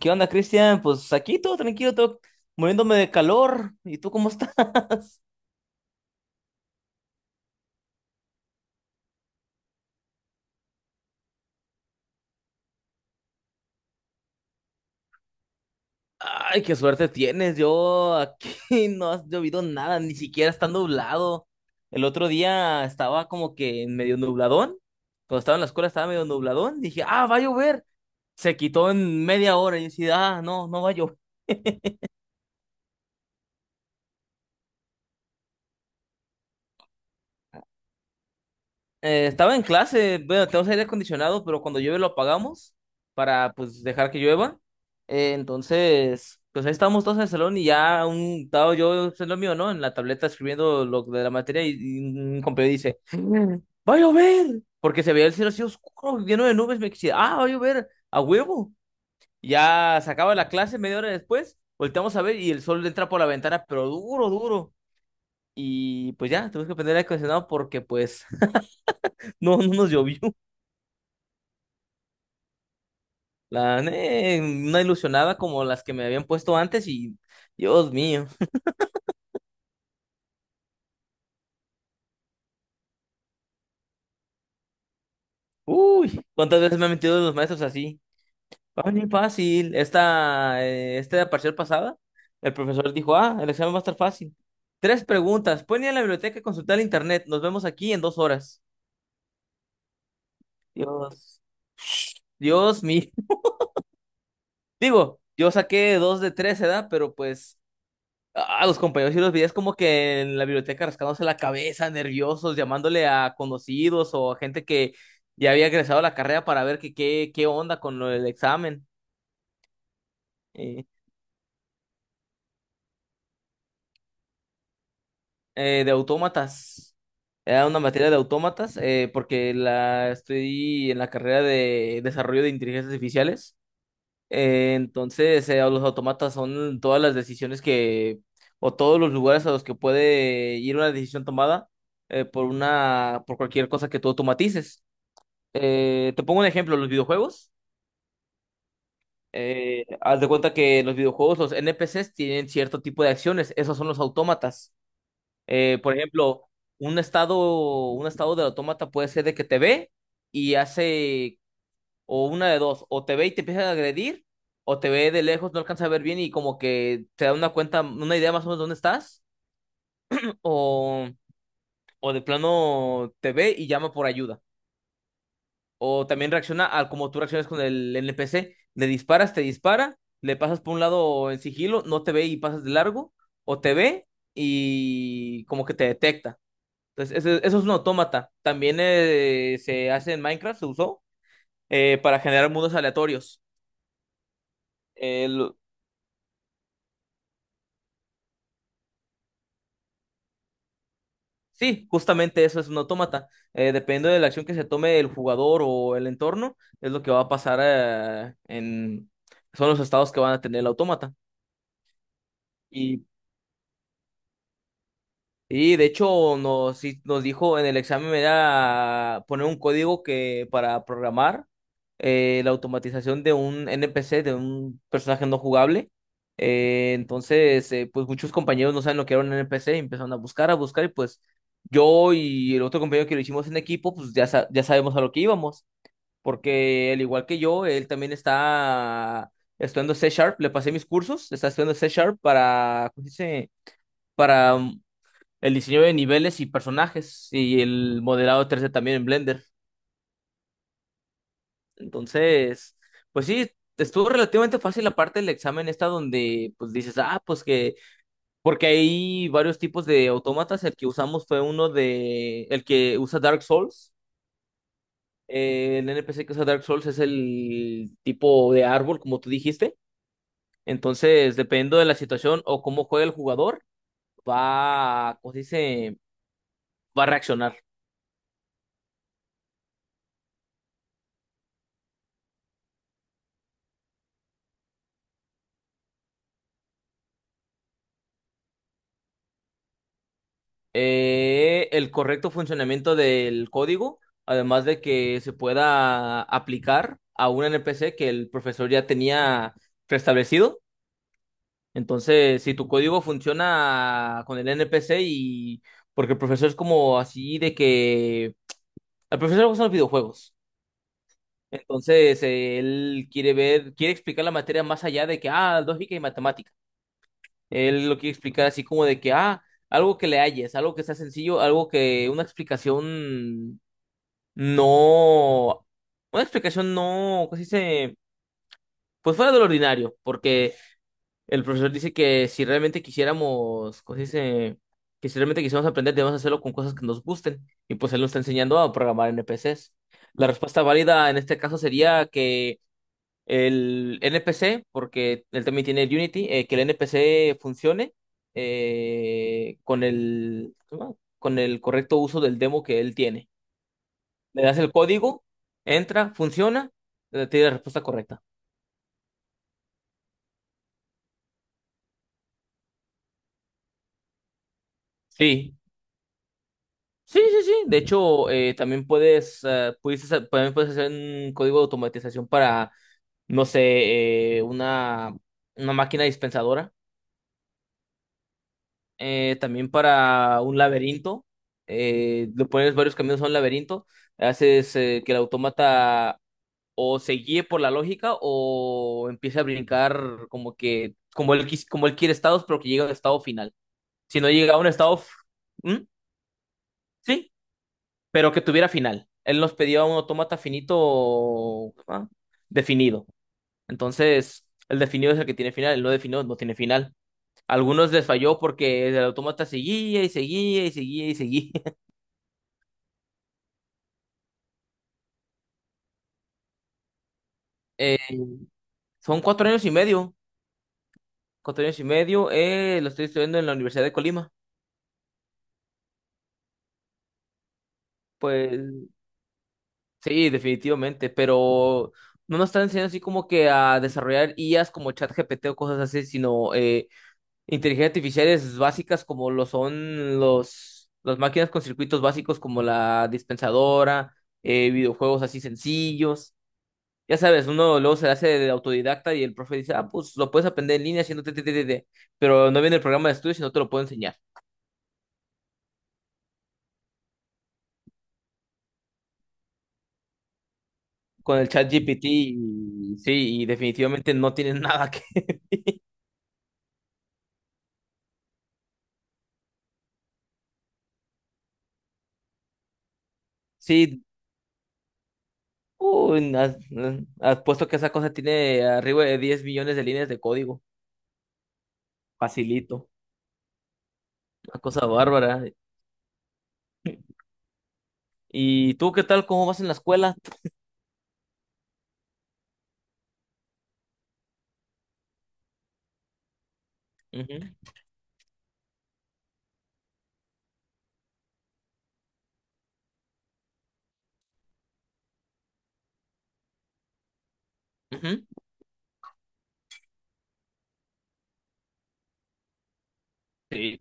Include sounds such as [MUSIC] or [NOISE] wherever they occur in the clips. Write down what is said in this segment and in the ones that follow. ¿Qué onda, Cristian? Pues aquí todo tranquilo, todo muriéndome de calor. ¿Y tú cómo estás? [LAUGHS] Ay, qué suerte tienes. Yo aquí [LAUGHS] no has llovido nada, ni siquiera está nublado. El otro día estaba como que medio nubladón. Cuando estaba en la escuela estaba medio nubladón. Dije, ah, va a llover. Se quitó en media hora. Y yo decía, ah, no, no va a llover. Estaba en clase, bueno, tenemos aire acondicionado, pero cuando llueve lo apagamos para pues dejar que llueva. Entonces, pues ahí estábamos todos en el salón y ya un estaba yo en lo mío, ¿no? En la tableta escribiendo lo de la materia y un compañero dice, ¡va a llover! Porque se veía el cielo así oscuro, lleno de nubes, me decía, ¡ah, va a llover! ¡A huevo! Ya se acaba la clase media hora después, volteamos a ver y el sol entra por la ventana, pero duro, duro. Y pues ya, tuvimos que prender el aire acondicionado porque pues [LAUGHS] no, no nos llovió. La gané en una ilusionada como las que me habían puesto antes y Dios mío. Uy, ¿cuántas veces me han metido los maestros así? Ah, bien fácil. Esta parcial pasada, el profesor dijo, ah, el examen va a estar fácil. Tres preguntas. Pueden ir a la biblioteca a consultar el internet. Nos vemos aquí en 2 horas. Dios, Dios mío. [LAUGHS] Digo, yo saqué 2 de 3, ¿verdad? Pero pues a los compañeros y los veías como que en la biblioteca rascándose la cabeza, nerviosos, llamándole a conocidos o a gente que ya había egresado a la carrera para ver que, qué onda con lo del examen. eh, de autómatas. Era una materia de autómatas, porque la estoy en la carrera de desarrollo de inteligencias artificiales. Entonces, los automatas son todas las decisiones que, o todos los lugares a los que puede ir una decisión tomada, por por cualquier cosa que tú automatices. Te pongo un ejemplo, los videojuegos. Haz de cuenta que los videojuegos, los NPCs tienen cierto tipo de acciones, esos son los autómatas. Por ejemplo, un estado, un estado del autómata puede ser de que te ve y hace. O una de dos, o te ve y te empieza a agredir, o te ve de lejos, no alcanza a ver bien y como que te da una cuenta, una idea más o menos de dónde estás, o, o de plano te ve y llama por ayuda. O también reacciona al como tú reaccionas con el NPC, le disparas, te dispara, le pasas por un lado en sigilo, no te ve y pasas de largo, o te ve y como que te detecta. Entonces, eso es un autómata. También se hace en Minecraft, se usó para generar mundos aleatorios. Eh, Sí, justamente eso es un autómata. Dependiendo de la acción que se tome el jugador o el entorno, es lo que va a pasar en... Son los estados que van a tener el autómata. Y Y de hecho sí nos dijo en el examen me da poner un código que para programar, la automatización de un NPC, de un personaje no jugable. Entonces, pues muchos compañeros no saben lo que era un NPC y empezaron a buscar y pues yo y el otro compañero que lo hicimos en equipo, pues ya, ya sabemos a lo que íbamos, porque al igual que yo, él también está estudiando C Sharp, le pasé mis cursos, está estudiando C Sharp para, ¿cómo se dice? Para el diseño de niveles y personajes y el modelado 3D también en Blender. Entonces, pues sí, estuvo relativamente fácil la parte del examen esta donde pues dices, ah, pues que, porque hay varios tipos de autómatas, el que usamos fue uno de, el que usa Dark Souls. El NPC que usa Dark Souls es el tipo de árbol, como tú dijiste. Entonces, dependiendo de la situación o cómo juega el jugador, va, ¿cómo se dice? Va a reaccionar. El correcto funcionamiento del código, además de que se pueda aplicar a un NPC que el profesor ya tenía preestablecido. Entonces, si tu código funciona con el NPC y porque el profesor es como así de que al profesor le gustan los videojuegos. Entonces, él quiere ver, quiere explicar la materia más allá de que, ah, lógica y matemática. Él lo quiere explicar así como de que, ah, algo que le halles, algo que sea sencillo, algo que no, una explicación no, casi se, pues fuera de lo ordinario, porque el profesor dice que si realmente quisiéramos, casi se, que si realmente quisiéramos aprender, debemos hacerlo con cosas que nos gusten, y pues él nos está enseñando a programar NPCs. La respuesta válida en este caso sería que el NPC, porque él también tiene el Unity, que el NPC funcione con el, ¿cómo se llama? Con el correcto uso del demo que él tiene. Le das el código, entra, funciona, te da la respuesta correcta. Sí, sí, sí, sí. De hecho, también puedes, también puedes hacer un código de automatización para, no sé, una máquina dispensadora, también para un laberinto. Le pones varios caminos a un laberinto, haces que el autómata o se guíe por la lógica o empiece a brincar como que, como él, como él quiere estados, pero que llegue a un estado final. Si no llega a un estado. ¿Mm? Sí, pero que tuviera final. Él nos pedía un autómata finito, ah, definido. Entonces, el definido es el que tiene final, el no definido no tiene final. Algunos les falló porque el autómata seguía y seguía y seguía y seguía. [LAUGHS] Eh, Son 4 años y medio. 4 años y medio. Lo estoy estudiando en la Universidad de Colima. Pues sí, definitivamente. Pero no nos están enseñando así como que a desarrollar IAs como ChatGPT o cosas así, sino inteligencia artificiales básicas como lo son los, las máquinas con circuitos básicos como la dispensadora, videojuegos así sencillos. Ya sabes, uno luego se hace de autodidacta y el profe dice, ah, pues lo puedes aprender en línea haciendo te, te, te, te, te". Pero no viene el programa de estudios y no te lo puedo enseñar. Con el chat GPT, y- sí, y definitivamente no tiene nada que... [LAUGHS] Sí, uy, has puesto que esa cosa tiene arriba de 10 millones de líneas de código. Facilito, una cosa bárbara. ¿Y tú qué tal? ¿Cómo vas en la escuela? Ujú, ujú. Sí.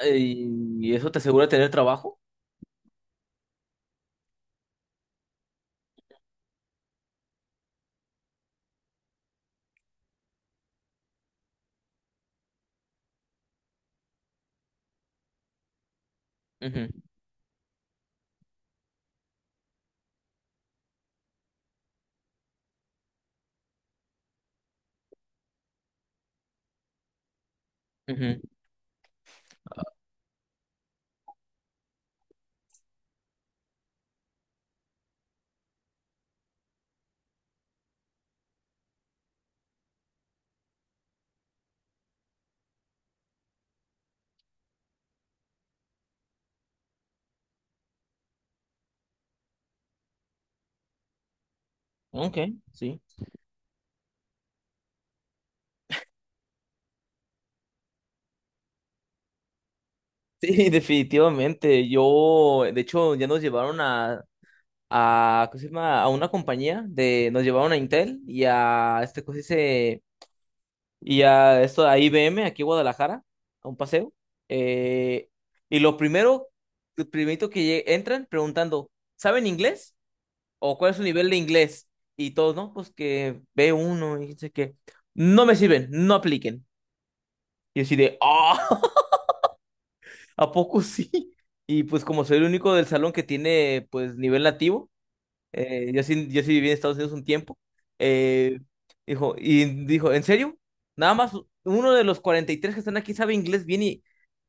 Ay, ¿y eso te asegura tener trabajo? Ujú, ujú. Ok, sí. Sí, [LAUGHS] definitivamente. Yo, de hecho, ya nos llevaron a, ¿cómo se llama? A una compañía de, nos llevaron a Intel y a este, ¿cómo se dice? Y a esto, a IBM aquí en Guadalajara, a un paseo. Eh, y lo primero, lo primerito que entran preguntando, ¿saben inglés? O cuál es su nivel de inglés. Y todos, no, pues que C1 y dice que no me sirven, no apliquen. Y así de, ah, [LAUGHS] ¿a poco sí? Y pues como soy el único del salón que tiene pues nivel nativo, yo sí viví en Estados Unidos un tiempo. Eh, dijo, ¿en serio? Nada más uno de los 43 que están aquí sabe inglés bien y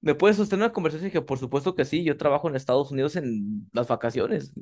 me puede sostener una conversación. Y dije, por supuesto que sí, yo trabajo en Estados Unidos en las vacaciones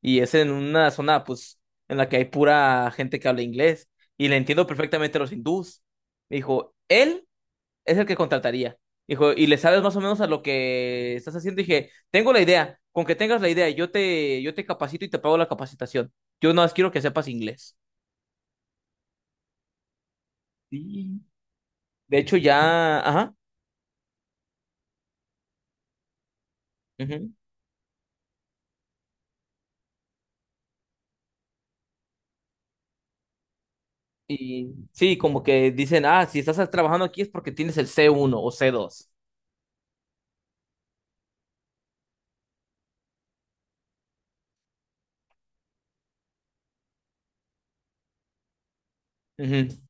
y es en una zona, pues, en la que hay pura gente que habla inglés y le entiendo perfectamente a los hindús. Me dijo, él es el que contrataría. Dijo, y le sabes más o menos a lo que estás haciendo. Dije, tengo la idea, con que tengas la idea, yo te capacito y te pago la capacitación. Yo nada más quiero que sepas inglés. Sí. De hecho, ya, ajá. Ujú. Y sí, como que dicen, ah, si estás trabajando aquí es porque tienes el C1 o C2. Ujú,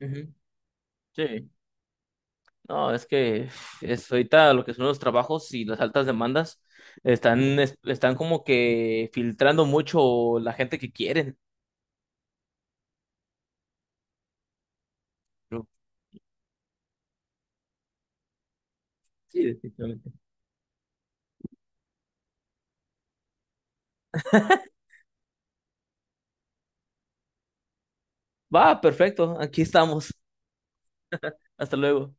ujú. Sí. No, es que es ahorita lo que son los trabajos y las altas demandas están, están como que filtrando mucho la gente que quieren. Sí, definitivamente. Va, perfecto. Aquí estamos. Hasta luego.